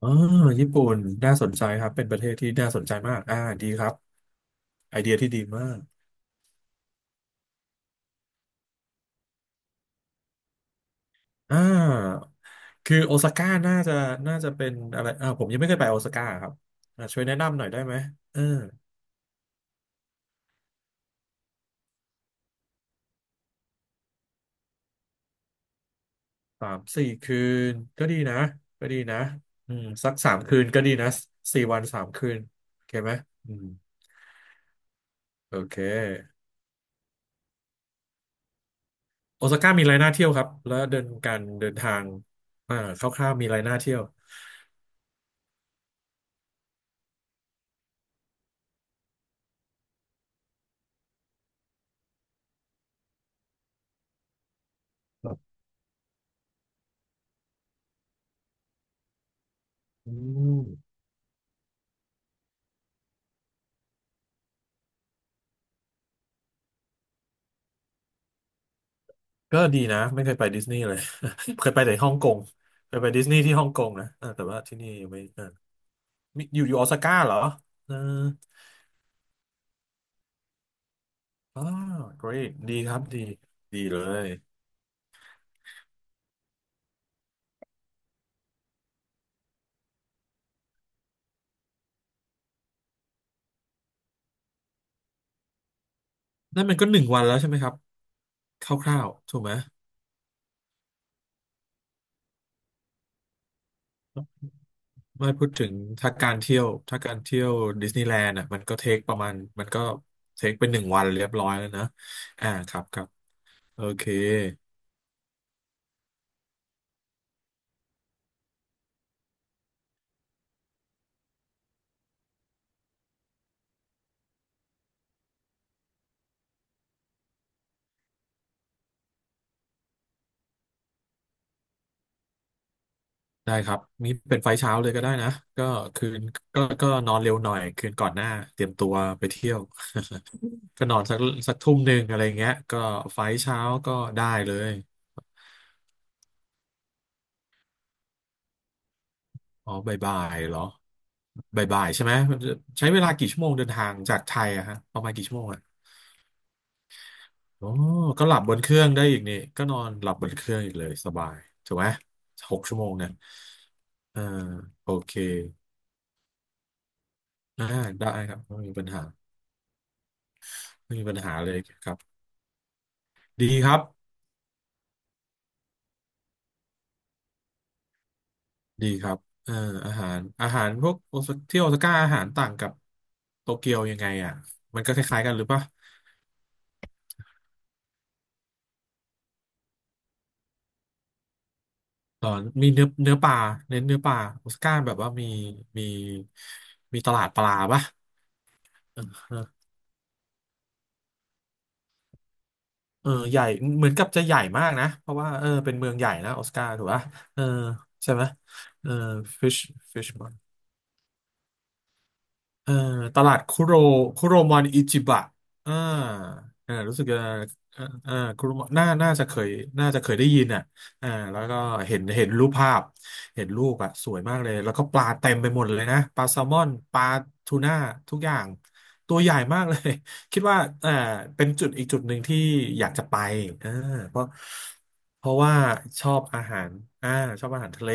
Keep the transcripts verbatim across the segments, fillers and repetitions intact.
อ๋อญี่ปุ่นน่าสนใจครับเป็นประเทศที่น่าสนใจมากอ่าดีครับไอเดียที่ดีมากอ่าคือโอซาก้าน่าจะน่าจะเป็นอะไรอ่าผมยังไม่เคยไปโอซาก้าครับอ่าช่วยแนะนำหน่อยได้ไหมเออสามสี่คืนก็ดีนะก็ดีนะอืมสักสามคืนก็ดีนะสี่วันสามคืนโอเคไหมอืมโอเคโอซาก้ามีอะไรน่าเที่ยวครับแล้วเดินการเดินทางอ่าคร่าวๆมีอะไรน่าเที่ยวอืม ก็ดีนะไม่เคยไปดิสนีย์เลย เคยไปแต่ฮ่องกงเคยไปดิสนีย์ที่ฮ่องกงนะเออแต่ว่าที่นี่ยังไม่เออมีอยู่อยู่ออสการ์เหรอเอออ๋อ great ดีครับดีดีเลยนั่นมันก็หนึ่งวันแล้วใช่ไหมครับคร่าวๆถูกไหมไม่พูดถึงถ้าการเที่ยวถ้าการเที่ยวดิสนีย์แลนด์อ่ะมันก็เทคประมาณมันก็เทคเป็นหนึ่งวันเรียบร้อยแล้วนะอ่าครับครับโอเค ได้ครับนี่เป็นไฟล์เช้าเลยก็ได้นะก็คืนก็ก็นอนเร็วหน่อยคืนก่อนหน้าเตรียมตัวไปเที่ยวก็นอนสักสักทุ่มหนึ่งอะไรเงี้ยก็ไฟล์เช้าก็ได้เลยอ๋อบ่ายบ่ายเหรอบ่ายบ่ายใช่ไหมใช้เวลากี่ชั่วโมงเดินทางจากไทยอะฮะประมาณกี่ชั่วโมงอะอ๋อก็หลับบนเครื่องได้อีกนี่ก็นอนหลับบนเครื่องอีกเลยสบายถูกไหมหกชั่วโมงเนี่ยอ่าโอเคอ่าได้ครับไม่มีปัญหาไม่มีปัญหาเลยครับดีครับ ดีครับเอออาหารอาหารพวกโอซาที่โอซาก้าอาหารต่างกับโตเกียวยังไงอ่ะ มันก็คล้ายๆกันหรือปะเออมีเนื้อเนื้อปลาเน้นเนื้อปลาโอซาก้าแบบว่ามีมีมีตลาดปลาปะเออเออเออใหญ่เหมือนกับจะใหญ่มากนะ เพราะว่าเออเป็นเมืองใหญ่นะโอซาก้าถูกปะเออใช่ไหมเออ fish fish เอ่อตลาดคุโรคุโรมอนอิจิบะอ่าอ่ารู้สึกจะเอ่อเอ่าคุโรมอนน่าน่าจะเคยน่าจะเคยได้ยินอ่ะอ่าแล้วก็เห็นเห็นรูปภาพเห็นรูปอ่ะสวยมากเลย แล้วก็ปลาเต็มไปหมดเลยนะ ปลาแซลมอน ปลาทูน่า ทุกอย่าง ตัวใหญ่มากเลย คิดว่าเอ่อเป็นจุดอีกจุดหนึ่งที่อยากจะไปเออเพราะเพราะว่าชอบอาหารอ่าชอบอาหารทะเล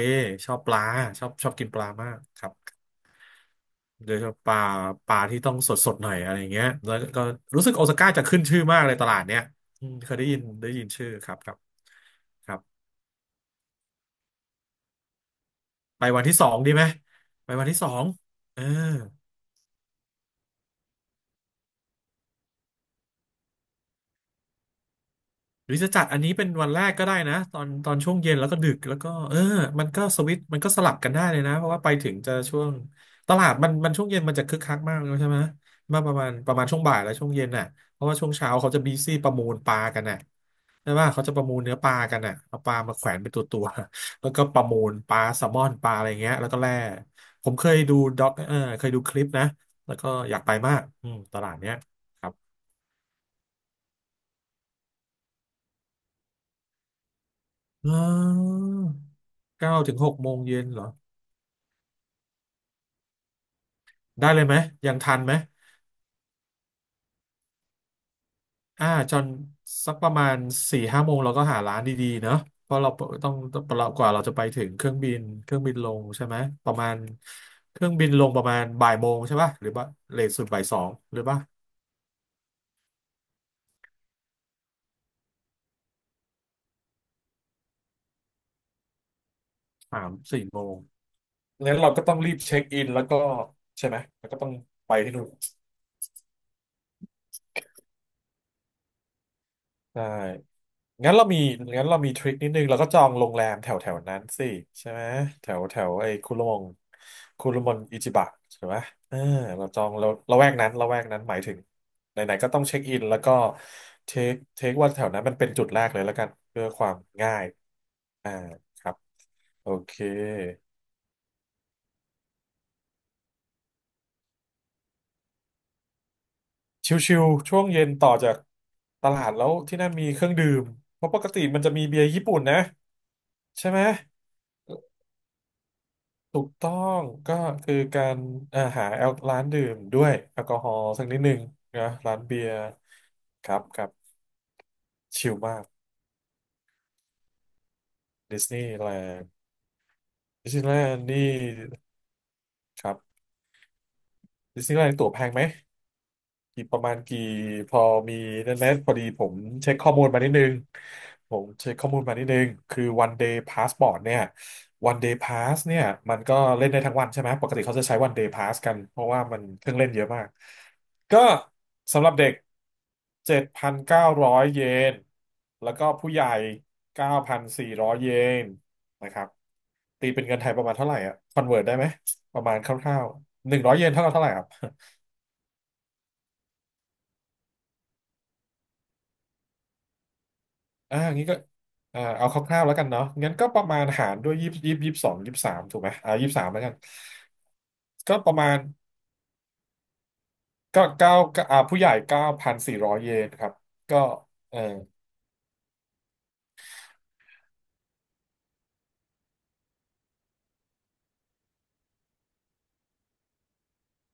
ชอบปลาชอบชอบกินปลามากครับ โดยเฉพาะปลาปลาที่ต้องสดสดหน่อยอะไรเงี้ยแล้วก็รู้สึกโอซาก้าจะขึ้นชื่อมากเลยตลาดเนี้ยอืมเคยได้ยินได้ยินชื่อครับครับครับไปวันที่สองดีไหมไปวันที่สองเออ หรือจะจัดอันนี้เป็นวันแรกก็ได้นะตอนตอนช่วงเย็นแล้วก็ดึกแล้วก็เออมันก็สวิตช์มันก็สลับกันได้เลยนะเพราะว่าไปถึงจะช่วงตลาดมันมันช่วงเย็นมันจะคึกคักมากเลยใช่ไหมมาประมาณประมาณช่วงบ่ายแล้วช่วงเย็นน่ะเพราะว่าช่วงเช้าเขาจะบีซี่ประมูลปลากันน่ะใช่ปะเขาจะประมูลเนื้อปลากันน่ะเอาปลามาแขวนเป็นตัวตัว แล้วก็ประมูลปลาแซลมอนปลาอะไรเงี้ยแล้วก็แล่ผมเคยดูด็อกเออเคยดูคลิปนะแล้วก็อยากไปมากอืมตลาดเนี้ยครับอ๋อเก้าถึงหกโมงเย็นเหรอ ได้เลยไหมยังทันไหมอ่าจนสักประมาณสี่ห้าโมงเราก็หาร้านดีๆเนอะเพราะเราต้องเรากว่าเราจะไปถึงเครื่องบินเครื่องบินลงใช่ไหมประมาณเครื่องบินลงประมาณบ่ายโมงใช่ป่ะหรือว่าเลทสุดบ่ายสองหรือป่ะสามสี่โมงงั้นเราก็ต้องรีบเช็คอินแล้วก็ใช่ไหมแล้วก็ต้องไปที่นู่น ใช่งั้นเรามีงั้นเรามีทริคนิดนึงเราก็จองโรงแรมแถวแถวนั้นสิใช่ไหมแถวแถวไอ้คุรุมงคุรุมนอิจิบะใช่ไหมเออเราจองเราละแวกนั้นละแวกนั้นหมายถึง ไหนๆ ก็ต้องเช็คอิน แล้วก็เทคเทคว่าแถวนั้นมันเป็นจุดแรกเลยแล้วกัน เพื่อความง่ายอ่าครับ โอเคชิวๆช่วงเย็นต่อจากตลาดแล้วที่นั่นมีเครื่องดื่ม เพราะปกติมันจะมีเบียร์ญี่ปุ่นนะใช่ไหม ถูกต้องก็คือการอ่าหาแอลร้านดื่มด้วยแอลกอฮอล์สักนิดหนึ่งนะร้านเบียร์ครับครับชิลมากดิสนีย์แลนด์ดิสนีย์แลนด์นี่ครับดิสนีย์แลนด์ตั๋วแพงไหม กี่ประมาณกี่พอมีนั่นแหละพอดีผมเช็คข้อมูลมานิดนึงผมเช็คข้อมูลมานิดนึงคือ one day passport เนี่ย one day pass เนี่ยมันก็เล่นได้ทั้งวันใช่ไหมปกติเขาจะใช้ one day pass กันเพราะว่ามันเครื่องเล่นเยอะมากก็สำหรับเด็กเจ็ดพันเก้าร้อยเก้าร้อยเยนแล้วก็ผู้ใหญ่เก้าพันสี่ร้อยเยนนะครับตีเป็นเงินไทยประมาณเท่าไหร่อ่ะคอนเวิร์ได้ไหมประมาณคร่าวๆหนึ่งร้อยเยนเท่ากับเท่าไหร่ครับ อ่างี้ก็อ่าเอาคร่าวๆแล้วกันเนาะงั้นก็ประมาณหารด้วยยี่สิบยี่สบสองยี่สบสามถูกไหมอ่ายี่สบสามแล้วกันก็ประมาณก็เก้าอ่าผู้ใหญ่เก้าพันสี่ร้อยเยนครับก็เออ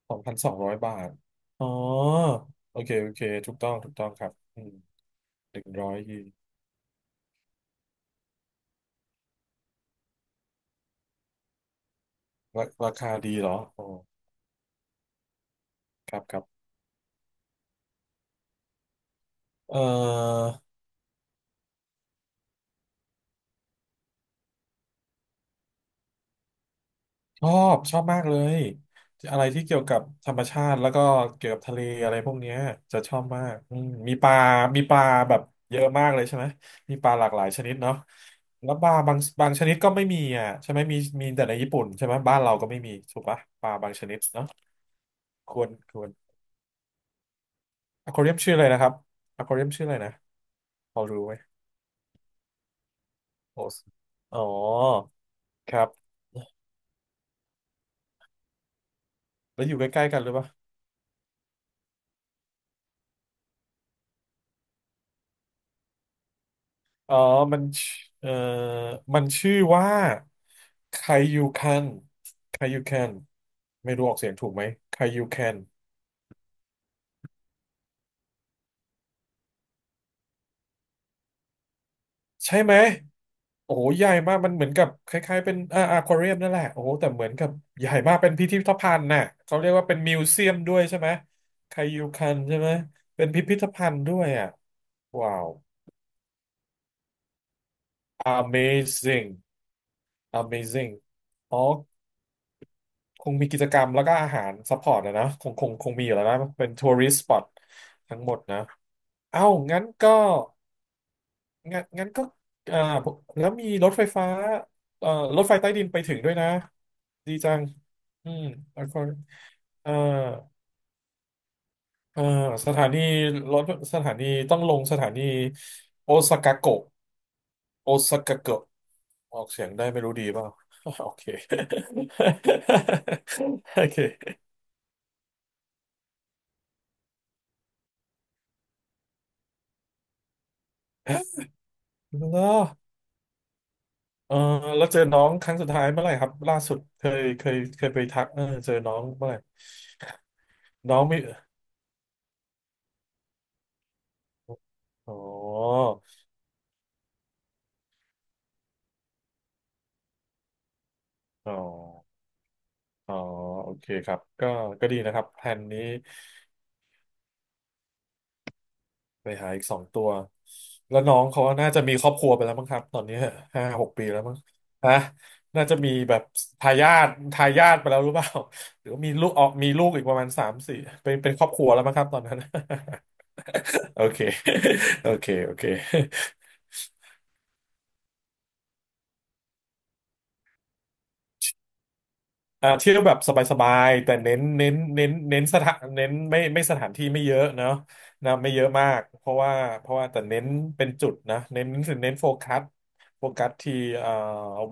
สองพันสองร้อยบาทอ๋อโอเคโอเคถูกต้องถูกต้องครับอืมหนึ่งร้อยเยนราราคาดีเหรออ๋อครับครับเอ่อ ชอบชอบมากเลยอะไรที่เกี่ยวกับธรรมชาติแล้วก็เกี่ยวกับทะเลอะไรพวกเนี้ยจะชอบมากอืมมีปลามีปลาแบบเยอะมากเลยใช่ไหมมีปลาหลากหลายชนิดเนาะแล้วปลาบางบางชนิดก็ไม่มีอ่ะใช่ไหมมีมีแต่ในญี่ปุ่นใช่ไหมบ้านเราก็ไม่มีถูกปะปลาบางชนิดเนาะควรควรอควาเรียมชื่ออะไรนะครับอควาเรียมชื่ออะไรนะพอรู้ไหมโอสอ๋อครับแล้วอยู่ใกล้ๆกันหรือเปล่า อ๋อมันชเอ่อมันชื่อว่าไคยูคันไคยูคันไม่รู้ออกเสียงถูกไหมไคยูคันใช่ไหม โอ้โหใหญ่มาก มันเหมือนกับคล้ายๆเป็นอ่าอควาเรียมนั่นแหละ โอ้โหแต่เหมือนกับใหญ่มากเป็นพิพิธภัณฑ์น่ะ เขาเรียกว่าเป็นมิวเซียมด้วยใช่ไหมไคยูคันใช่ไหมเป็นพิพิธภัณฑ์ด้วยอ่ะ ว้าว Amazing Amazing อ๋อ คงมีกิจกรรมแล้วก็อาหารซัพพอร์ตนะนะคงคงคงมีอยู่แล้วนะเป็นทัวริส t s สปอตทั้งหมดนะเอ้างั้นก็งั้นงั้นก็อ่าแล้วมีรถไฟฟ้าเอ่อรถไฟใต้ดินไปถึงด้วยนะดีจังอืมแล้วก็เอ่อเอ่อสถานีรถสถานีต้องลงสถานีโอซากะโกะโอซากะเกะออกเสียงได้ไม่รู้ดีเปล่า โอเค โอเคแล้ว เออแล้วเจอน้องครั้งสุดท้ายเมื่อไหร่ครับล่าสุดเคยเคยเคยไปทักเออเจอน้องเมื่อไหร่น้องมีอ๋ออ๋ออ๋อโอเคครับก็ก็ดีนะครับแผนนี้ไปหาอีกสองตัวแล้วน้องเขาน่าจะมีครอบครัวไปแล้วมั้งครับตอนนี้ห้าหกปีแล้วมั้งฮะน่าจะมีแบบทายาททายาทไปแล้วหรือเปล่า หรือว่ามีลูกออกมีลูกอีกประมาณสามสี่เป็นเป็นครอบครัวแล้วมั้งครับตอนนั้น โอเคโอเคโอเค อ่าเที่ยวแบบสบายๆแต่เน้นเน้นเน้นเน้นสถานเน้นไม่ไม่สถานที่ไม่เยอะเนาะนะไม่เยอะมากเพราะว่าเพราะว่าแต่เน้นเป็นจุดนะเน้นเน้นโฟกัสโฟกัสที่เอ่อ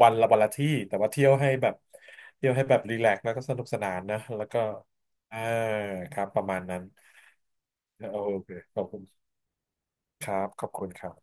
วันละวันละที่แต่ว่าเที่ยวให้แบบเที่ยวให้แบบรีแลกซ์แล้วก็สนุกสนานนะแล้วก็เออครับประมาณนั้นโอเคขอบคุณครับขอบคุณครับ